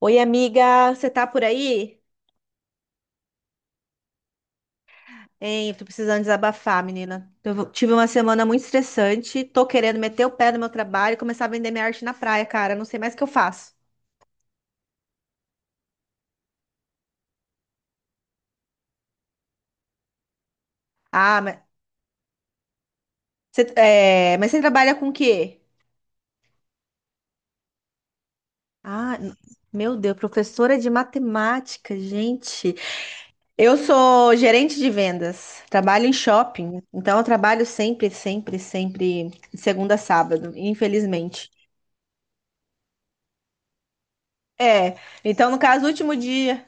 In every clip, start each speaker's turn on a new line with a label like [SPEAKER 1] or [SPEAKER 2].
[SPEAKER 1] Oi, amiga, você tá por aí? Hein, tô precisando desabafar, menina. Eu tive uma semana muito estressante, tô querendo meter o pé no meu trabalho e começar a vender minha arte na praia, cara. Não sei mais o que eu faço. Ah, mas mas você trabalha com o quê? Ah, meu Deus, professora de matemática, gente. Eu sou gerente de vendas, trabalho em shopping, então eu trabalho sempre, sempre, sempre, de segunda a sábado, infelizmente. É, então no caso, o último dia.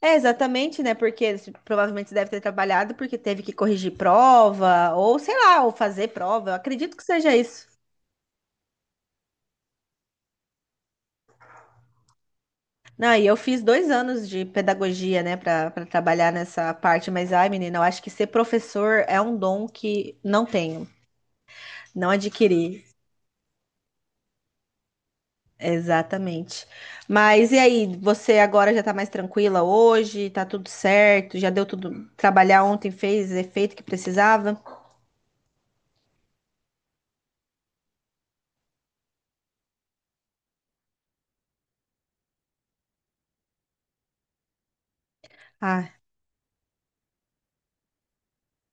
[SPEAKER 1] É, exatamente, né? Porque eles provavelmente você deve ter trabalhado porque teve que corrigir prova, ou sei lá, ou fazer prova. Eu acredito que seja isso. Não, e eu fiz 2 anos de pedagogia, né, para trabalhar nessa parte, mas ai, menina, eu acho que ser professor é um dom que não tenho, não adquiri. Exatamente. Mas e aí, você agora já tá mais tranquila hoje? Tá tudo certo? Já deu tudo? Trabalhar ontem fez efeito que precisava?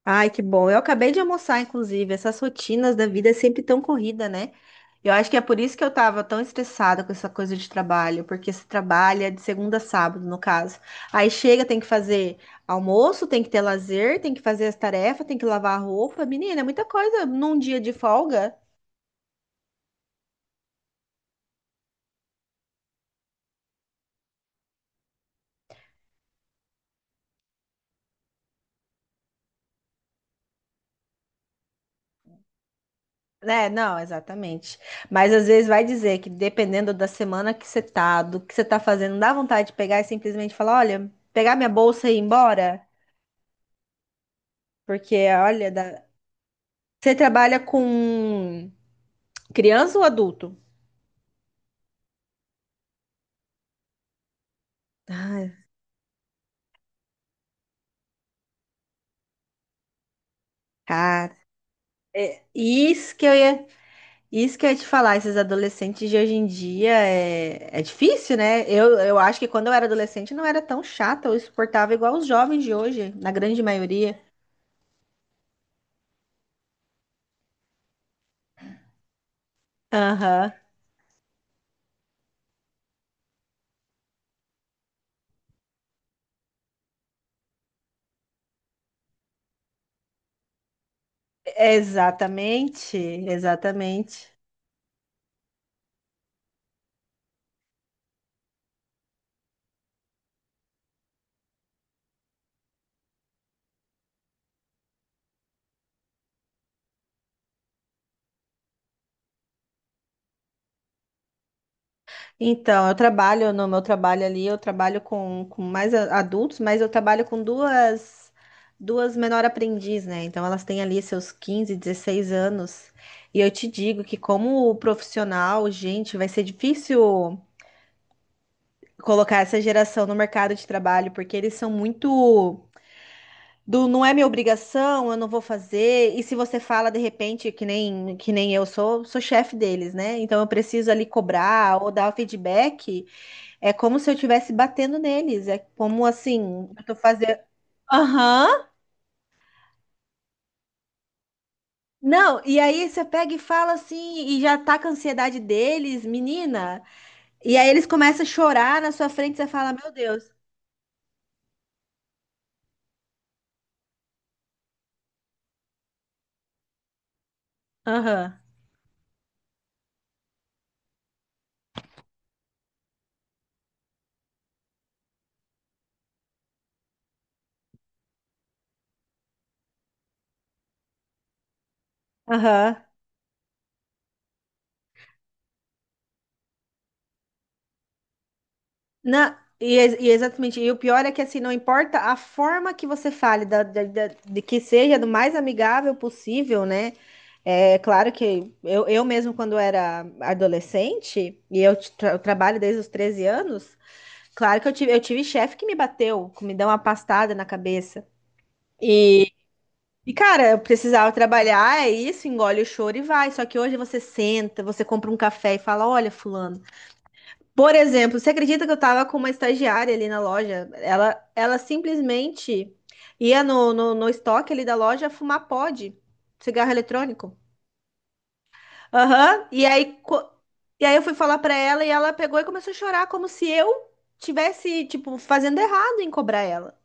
[SPEAKER 1] Ai, que bom. Eu acabei de almoçar, inclusive. Essas rotinas da vida é sempre tão corrida, né? Eu acho que é por isso que eu tava tão estressada com essa coisa de trabalho, porque se trabalha de segunda a sábado, no caso. Aí chega, tem que fazer almoço, tem que ter lazer, tem que fazer as tarefas, tem que lavar a roupa. Menina, é muita coisa num dia de folga, né? Não, exatamente. Mas às vezes vai dizer que dependendo da semana que você tá, do que você tá fazendo, dá vontade de pegar e simplesmente falar, olha, pegar minha bolsa e ir embora. Porque, olha, dá- Você trabalha com criança ou adulto? Ai, cara, é, isso que eu ia, isso que eu ia te falar, esses adolescentes de hoje em dia é difícil, né? Eu acho que quando eu era adolescente não era tão chata ou insuportável igual os jovens de hoje, na grande maioria. Aham. Exatamente, exatamente. Então, eu trabalho no meu trabalho ali, eu trabalho com mais adultos, mas eu trabalho com duas menor aprendiz, né? Então elas têm ali seus 15, 16 anos. E eu te digo que como profissional, gente, vai ser difícil colocar essa geração no mercado de trabalho, porque eles são muito do não é minha obrigação, eu não vou fazer. E se você fala de repente que nem eu sou chefe deles, né? Então eu preciso ali cobrar ou dar o feedback. É como se eu estivesse batendo neles. É como assim, eu tô fazendo. Aham. Não, e aí você pega e fala assim, e já tá com a ansiedade deles, menina. E aí eles começam a chorar na sua frente, você fala, meu Deus. Aham, aham. Não, e exatamente. E o pior é que assim, não importa a forma que você fale, de que seja do mais amigável possível, né? É claro que eu mesmo, quando era adolescente, e eu trabalho desde os 13 anos. Claro que eu tive chefe que me bateu, que me deu uma pastada na cabeça. E, e, cara, eu precisava trabalhar, é isso, engole o choro e vai. Só que hoje você senta, você compra um café e fala: Olha, fulano. Por exemplo, você acredita que eu tava com uma estagiária ali na loja? Ela simplesmente ia no estoque ali da loja fumar pod, cigarro eletrônico. Aham. E aí eu fui falar pra ela e ela pegou e começou a chorar, como se eu tivesse, tipo, fazendo errado em cobrar ela.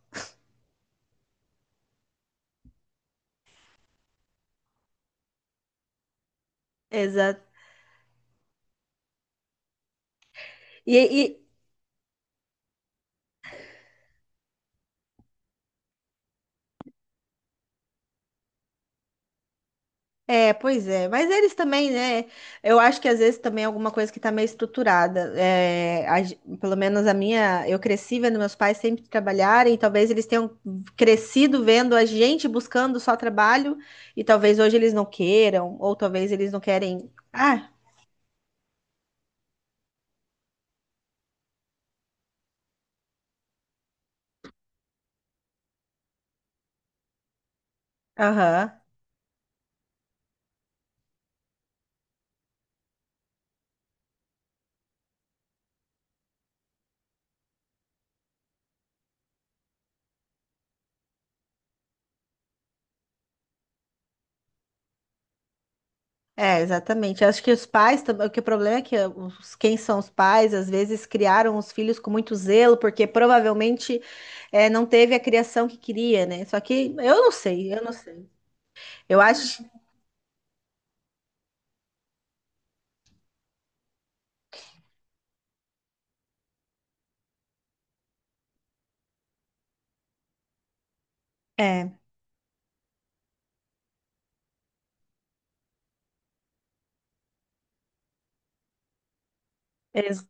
[SPEAKER 1] Exato. E, e- É, pois é, mas eles também, né? Eu acho que às vezes também é alguma coisa que tá meio estruturada. Pelo menos a minha, eu cresci vendo meus pais sempre trabalharem, talvez eles tenham crescido vendo a gente buscando só trabalho, e talvez hoje eles não queiram, ou talvez eles não querem. Ah, aham. É, exatamente. Eu acho que os pais também, que o problema é que os, quem são os pais, às vezes criaram os filhos com muito zelo, porque provavelmente é, não teve a criação que queria, né? Só que eu não sei, eu não sei. Eu acho. É, ex-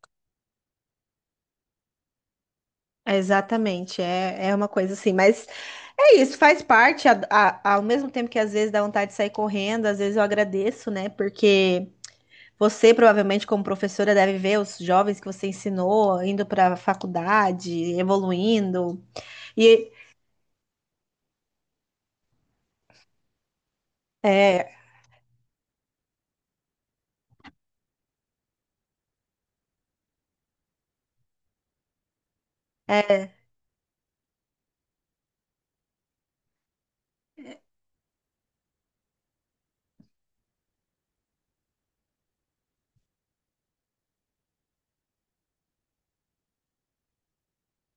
[SPEAKER 1] Exatamente. É, é uma coisa assim, mas é isso, faz parte. Ao mesmo tempo que às vezes dá vontade de sair correndo, às vezes eu agradeço, né? Porque você, provavelmente, como professora, deve ver os jovens que você ensinou indo para a faculdade, evoluindo. E é, é,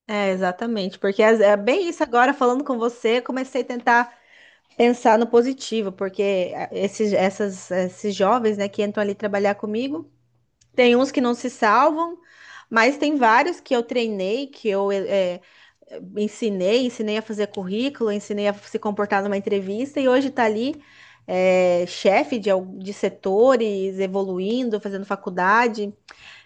[SPEAKER 1] exatamente, porque é bem isso agora falando com você, comecei a tentar pensar no positivo, porque esses jovens, né, que entram ali trabalhar comigo, tem uns que não se salvam, mas tem vários que eu treinei, que eu ensinei, a fazer currículo, ensinei a se comportar numa entrevista e hoje está ali é, chefe de setores, evoluindo, fazendo faculdade.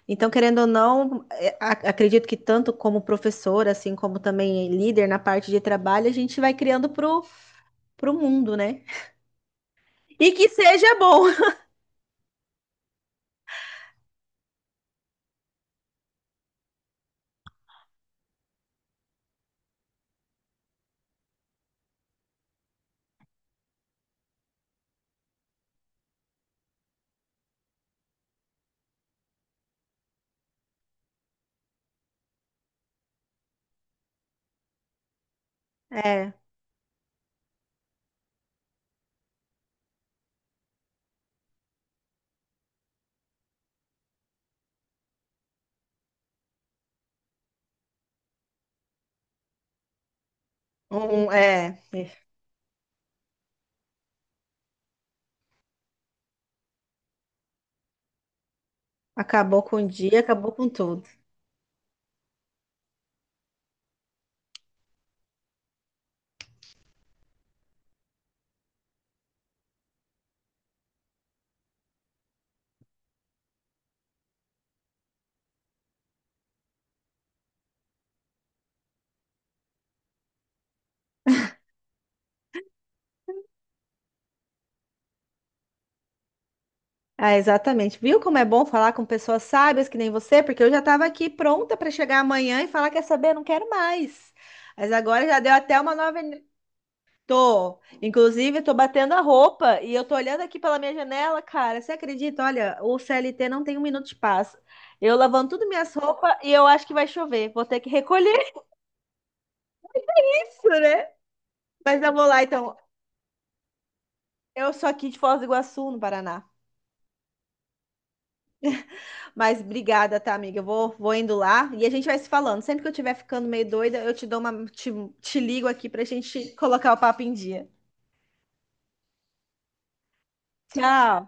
[SPEAKER 1] Então, querendo ou não, acredito que tanto como professor, assim como também líder na parte de trabalho, a gente vai criando pro mundo, né? E que seja bom. É. um, é, é. Acabou com o dia, acabou com tudo. Ah, exatamente. Viu como é bom falar com pessoas sábias que nem você? Porque eu já estava aqui pronta para chegar amanhã e falar, quer saber, não quero mais. Mas agora já deu até uma nova. Tô. Inclusive, tô batendo a roupa e eu tô olhando aqui pela minha janela, cara. Você acredita? Olha, o CLT não tem um minuto de paz. Eu lavando tudo minhas roupas e eu acho que vai chover. Vou ter que recolher isso, né? Mas eu vou lá, então. Eu sou aqui de Foz do Iguaçu, no Paraná. Mas obrigada, tá, amiga? Eu vou indo lá e a gente vai se falando. Sempre que eu estiver ficando meio doida, eu te dou uma, te ligo aqui pra gente colocar o papo em dia. Tchau.